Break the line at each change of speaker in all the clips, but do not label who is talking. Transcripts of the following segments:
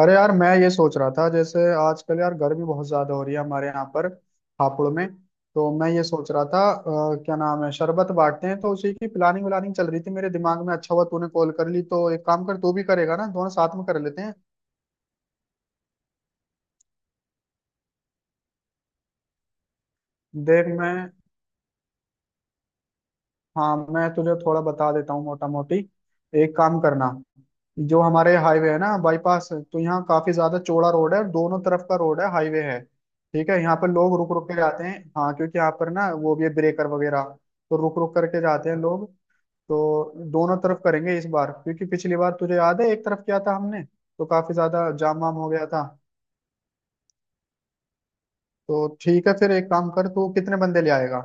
अरे यार मैं ये सोच रहा था जैसे आजकल यार गर्मी बहुत ज्यादा हो रही है हमारे यहाँ पर हापुड़ में। तो मैं ये सोच रहा था क्या नाम है, शरबत बांटते हैं तो उसी की प्लानिंग व्लानिंग चल रही थी मेरे दिमाग में। अच्छा हुआ तूने कॉल कर ली, तो एक काम कर, तू भी करेगा ना, दोनों साथ में कर लेते हैं। देख मैं हाँ मैं तुझे थोड़ा बता देता हूँ, मोटा मोटी एक काम करना। जो हमारे हाईवे है ना, बाईपास, तो यहाँ काफी ज्यादा चौड़ा रोड है और दोनों तरफ का रोड है, हाईवे है। ठीक है, यहाँ पर लोग रुक रुक के जाते हैं, हाँ, क्योंकि यहाँ पर ना वो भी है, ब्रेकर वगैरह। तो रुक रुक करके जाते हैं लोग। तो दोनों तरफ करेंगे इस बार, क्योंकि पिछली बार तुझे याद है, एक तरफ किया था हमने तो काफी ज्यादा जाम वाम हो गया था। तो ठीक है, फिर एक काम कर, तू कितने बंदे ले आएगा?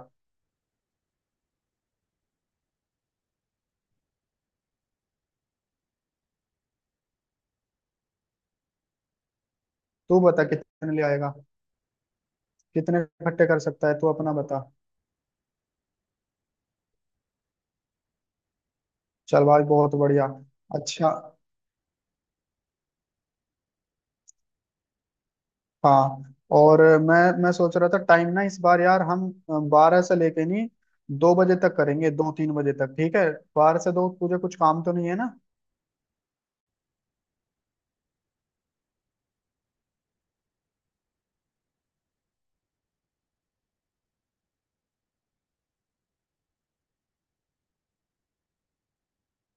तू बता कितने ले आएगा, कितने इकट्ठे कर सकता है तू, अपना बता। चल भाई, बहुत बढ़िया। अच्छा। हाँ। और मैं सोच रहा था, टाइम ना इस बार, यार हम 12 से लेके नहीं, 2 बजे तक करेंगे, 2-3 बजे तक, ठीक है। 12 से 2 तुझे कुछ काम तो नहीं है ना?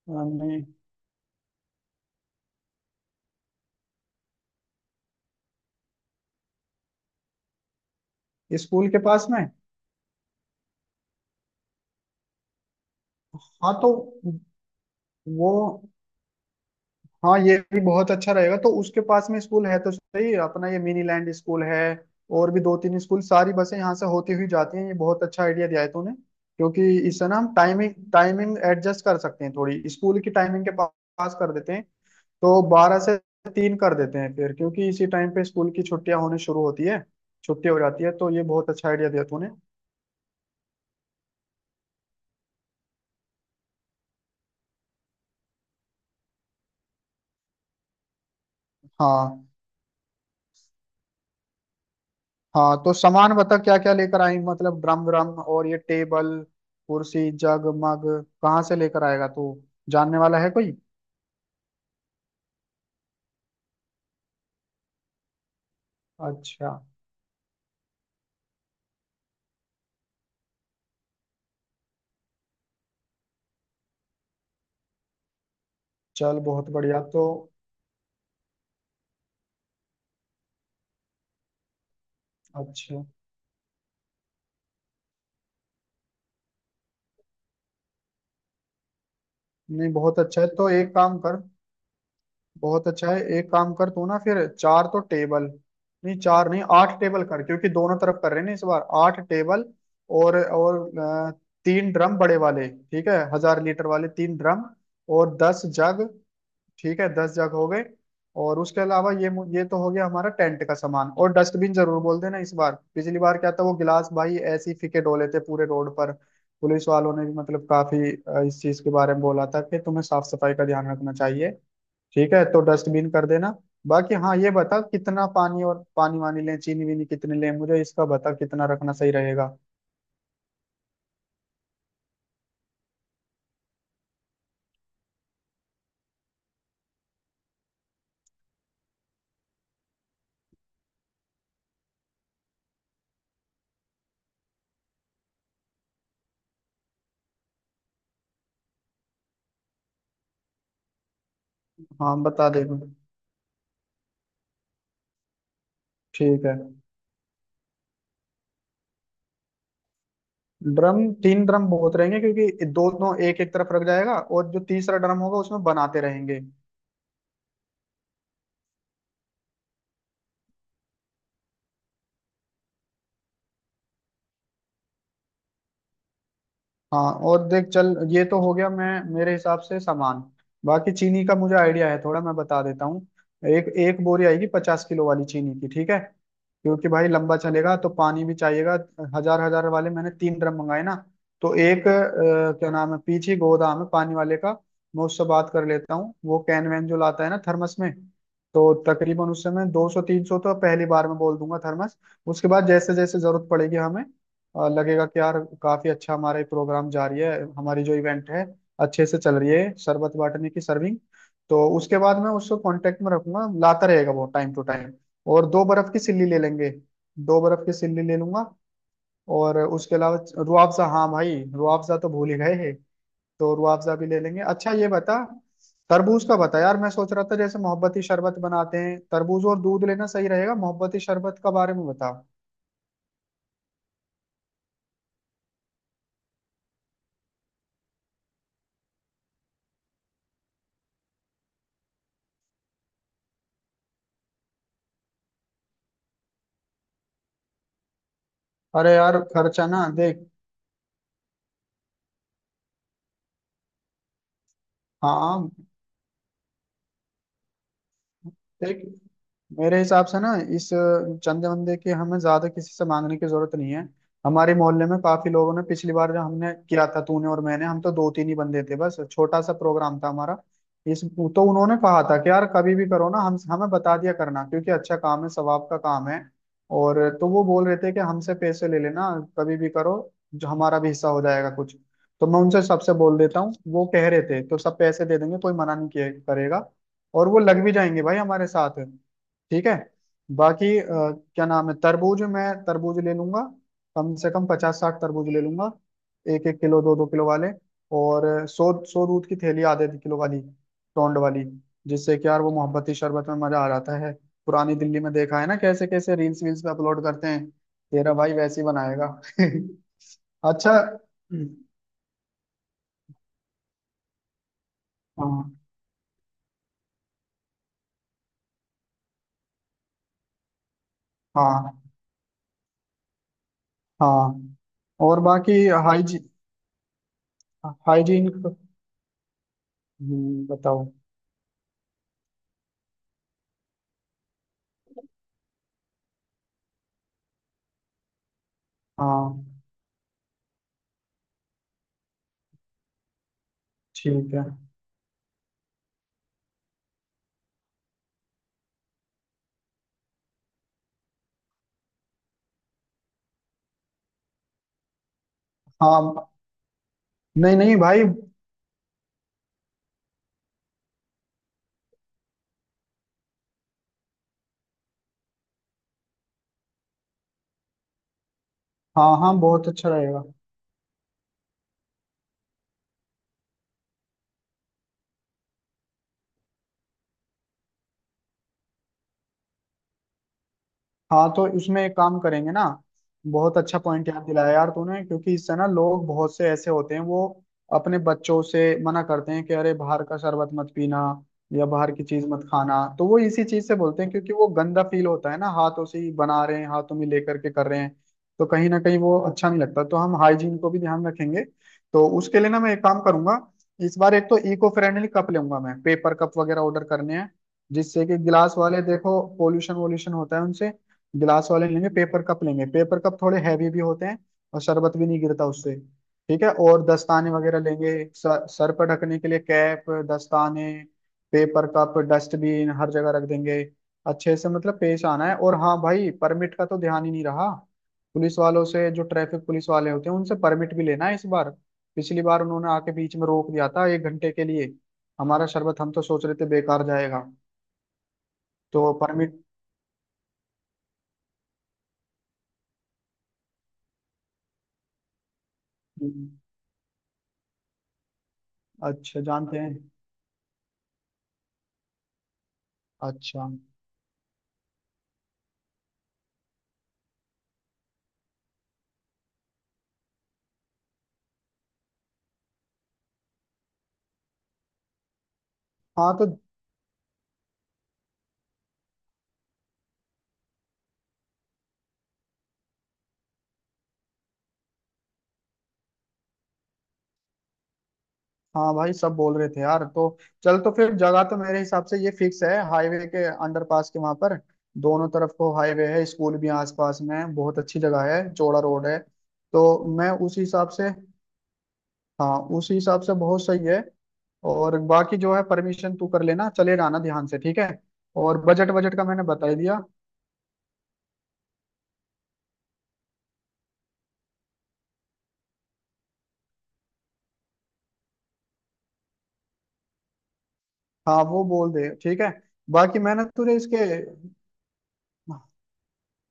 अम, स्कूल के पास में। हाँ तो वो, हाँ ये भी बहुत अच्छा रहेगा, तो उसके पास में स्कूल है तो सही, अपना ये मिनी लैंड स्कूल है और भी दो तीन स्कूल, सारी बसें यहाँ से होती हुई जाती हैं, ये बहुत अच्छा आइडिया दिया है तूने। क्योंकि इससे ना हम टाइमिंग टाइमिंग एडजस्ट कर सकते हैं थोड़ी, स्कूल की टाइमिंग के पास कर देते हैं। तो 12 से 3 कर देते हैं फिर, क्योंकि इसी टाइम पे स्कूल की छुट्टियां होने शुरू होती है, छुट्टी हो जाती है, तो ये बहुत अच्छा आइडिया दिया तूने। हाँ। हाँ तो सामान बता, क्या क्या लेकर आएंगे, मतलब ड्रम व्रम और ये टेबल, कुर्सी, जग मग कहाँ से लेकर आएगा तू? जानने वाला है कोई? अच्छा। चल बहुत बढ़िया। तो अच्छा, नहीं बहुत अच्छा है, तो एक काम कर, बहुत अच्छा है, एक काम कर तू ना, फिर चार तो टेबल, नहीं चार नहीं आठ टेबल कर, क्योंकि दोनों तरफ कर रहे हैं ना इस बार, आठ टेबल। और तीन ड्रम बड़े वाले, ठीक है, 1000 लीटर वाले, तीन ड्रम। और 10 जग, ठीक है, 10 जग हो गए। और उसके अलावा ये ये तो हो गया हमारा टेंट का सामान। और डस्टबिन जरूर बोल देना इस बार, पिछली बार क्या था, वो गिलास भाई ऐसे ही फीके डोले थे पूरे रोड पर। पुलिस वालों ने भी मतलब काफी इस चीज के बारे में बोला था कि तुम्हें साफ सफाई का ध्यान रखना चाहिए। ठीक है, तो डस्टबिन कर देना। बाकी हाँ, ये बता कितना पानी और पानी वानी लें, चीनी वीनी कितनी लें, मुझे इसका बता, कितना रखना सही रहेगा। हाँ बता देना। ठीक है। ड्रम, तीन ड्रम बहुत रहेंगे, क्योंकि दोनों एक एक तरफ रख जाएगा और जो तीसरा ड्रम होगा उसमें बनाते रहेंगे। हाँ, और देख चल ये तो हो गया, मैं मेरे हिसाब से सामान। बाकी चीनी का मुझे आइडिया है थोड़ा, मैं बता देता हूँ। एक एक बोरी आएगी, 50 किलो वाली चीनी की, ठीक है, क्योंकि भाई लंबा चलेगा तो पानी भी चाहिएगा। 1000-1000 वाले मैंने तीन ड्रम मंगाए ना। तो एक क्या नाम है, पीछे गोदाम है पानी वाले का, मैं उससे बात कर लेता हूँ। वो कैन वैन जो लाता है ना, थर्मस में, तो तकरीबन उससे मैं 200-300 तो पहली बार में बोल दूंगा थर्मस। उसके बाद जैसे जैसे जरूरत पड़ेगी हमें, लगेगा कि यार काफी अच्छा हमारा ये प्रोग्राम जारी है, हमारी जो इवेंट है अच्छे से चल रही है, शरबत बांटने की सर्विंग, तो उसके बाद मैं उसको कांटेक्ट में रखूंगा, लाता रहेगा वो टाइम टू टाइम। और दो बर्फ की सिल्ली ले लेंगे, दो बर्फ की सिल्ली ले लूंगा। और उसके अलावा रुआफजा, हाँ भाई रुआफजा तो भूल ही गए, तो रुआफजा भी ले लेंगे। अच्छा, ये बता तरबूज का बता, यार मैं सोच रहा था जैसे मोहब्बती शरबत बनाते हैं, तरबूज और दूध लेना सही रहेगा, मोहब्बती शरबत का बारे में बता। अरे यार खर्चा ना देख, हाँ देख, मेरे हिसाब से ना, इस चंदे वंदे की हमें ज्यादा किसी से मांगने की जरूरत नहीं है। हमारे मोहल्ले में काफी लोगों ने, पिछली बार जो हमने किया था तूने और मैंने, हम तो दो तीन ही बंदे थे बस, छोटा सा प्रोग्राम था हमारा। इस तो उन्होंने कहा था कि यार कभी भी करो ना, हम हमें बता दिया करना, क्योंकि अच्छा काम है, सवाब का काम है। और तो वो बोल रहे थे कि हमसे पैसे ले लेना कभी भी करो, जो हमारा भी हिस्सा हो जाएगा कुछ। तो मैं उनसे सबसे बोल देता हूँ, वो कह रहे थे तो सब पैसे दे देंगे, कोई मना नहीं किया करेगा, और वो लग भी जाएंगे भाई हमारे साथ, ठीक है। बाकी क्या नाम है, तरबूज, मैं तरबूज ले लूंगा, कम से कम 50-60 तरबूज ले लूंगा, एक एक किलो दो दो किलो वाले। और 100-100 दूध की थैली, आधे आधे किलो वाली, टोंड वाली, जिससे कि यार वो मोहब्बती शरबत में मजा आ जाता है। पुरानी दिल्ली में देखा है ना, कैसे कैसे रील्स वील्स पे अपलोड करते हैं, तेरा भाई वैसे ही बनाएगा। अच्छा। हाँ हाँ हाँ। और बाकी हाइजीन, बताओ। हाँ ठीक है। हाँ, नहीं नहीं भाई, हाँ हाँ, बहुत अच्छा रहेगा। हाँ तो इसमें एक काम करेंगे ना, बहुत अच्छा पॉइंट याद दिलाया यार तूने, क्योंकि इससे ना लोग बहुत से ऐसे होते हैं, वो अपने बच्चों से मना करते हैं कि अरे बाहर का शरबत मत पीना या बाहर की चीज मत खाना। तो वो इसी चीज से बोलते हैं, क्योंकि वो गंदा फील होता है ना, हाथों से ही बना रहे हैं, हाथों में लेकर के कर रहे हैं, तो कहीं ना कहीं वो अच्छा नहीं लगता। तो हम हाइजीन को भी ध्यान रखेंगे, तो उसके लिए ना मैं एक काम करूंगा। इस बार एक तो इको फ्रेंडली कप लूंगा, मैं पेपर कप वगैरह ऑर्डर करने हैं, जिससे कि गिलास वाले, देखो पोल्यूशन वोल्यूशन होता है उनसे गिलास वाले, लेंगे पेपर कप, लेंगे पेपर कप थोड़े हैवी भी होते हैं, और शरबत भी नहीं गिरता उससे, ठीक है। और दस्ताने वगैरह लेंगे, सर पर ढकने के लिए कैप, दस्ताने, पेपर कप, डस्टबिन हर जगह रख देंगे, अच्छे से मतलब पेश आना है। और हाँ भाई परमिट का तो ध्यान ही नहीं रहा, पुलिस वालों से, जो ट्रैफिक पुलिस वाले होते हैं, उनसे परमिट भी लेना है इस बार। पिछली बार उन्होंने आके बीच में रोक दिया था 1 घंटे के लिए, हमारा शरबत हम तो सोच रहे थे बेकार जाएगा, तो परमिट। अच्छा, जानते हैं। अच्छा। हाँ तो, हाँ भाई सब बोल रहे थे यार, तो चल, तो फिर जगह तो मेरे हिसाब से ये फिक्स है, हाईवे के अंडरपास के वहां पर, दोनों तरफ को हाईवे है, स्कूल भी आसपास में है, बहुत अच्छी जगह है, चौड़ा रोड है, तो मैं उस हिसाब से, हाँ उस हिसाब से बहुत सही है। और बाकी जो है परमिशन तू कर लेना, चले जाना ध्यान से, ठीक है। और बजट, बजट का मैंने बता ही दिया। हाँ वो बोल दे, ठीक है। बाकी मैंने तुझे इसके,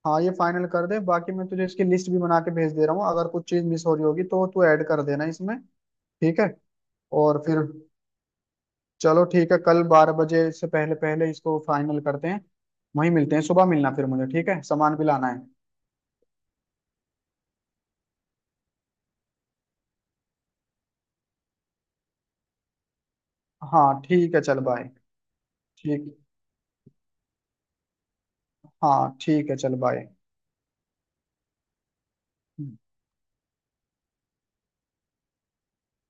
हाँ ये फाइनल कर दे, बाकी मैं तुझे इसकी लिस्ट भी बना के भेज दे रहा हूँ, अगर कुछ चीज़ मिस हो रही होगी तो तू ऐड कर देना इसमें, ठीक है। और फिर चलो, ठीक है, कल 12 बजे से पहले पहले इसको फाइनल करते हैं, वहीं मिलते हैं सुबह, मिलना फिर मुझे, ठीक है, सामान भी लाना है। हाँ ठीक है चल बाय। ठीक। हाँ ठीक है चल बाय।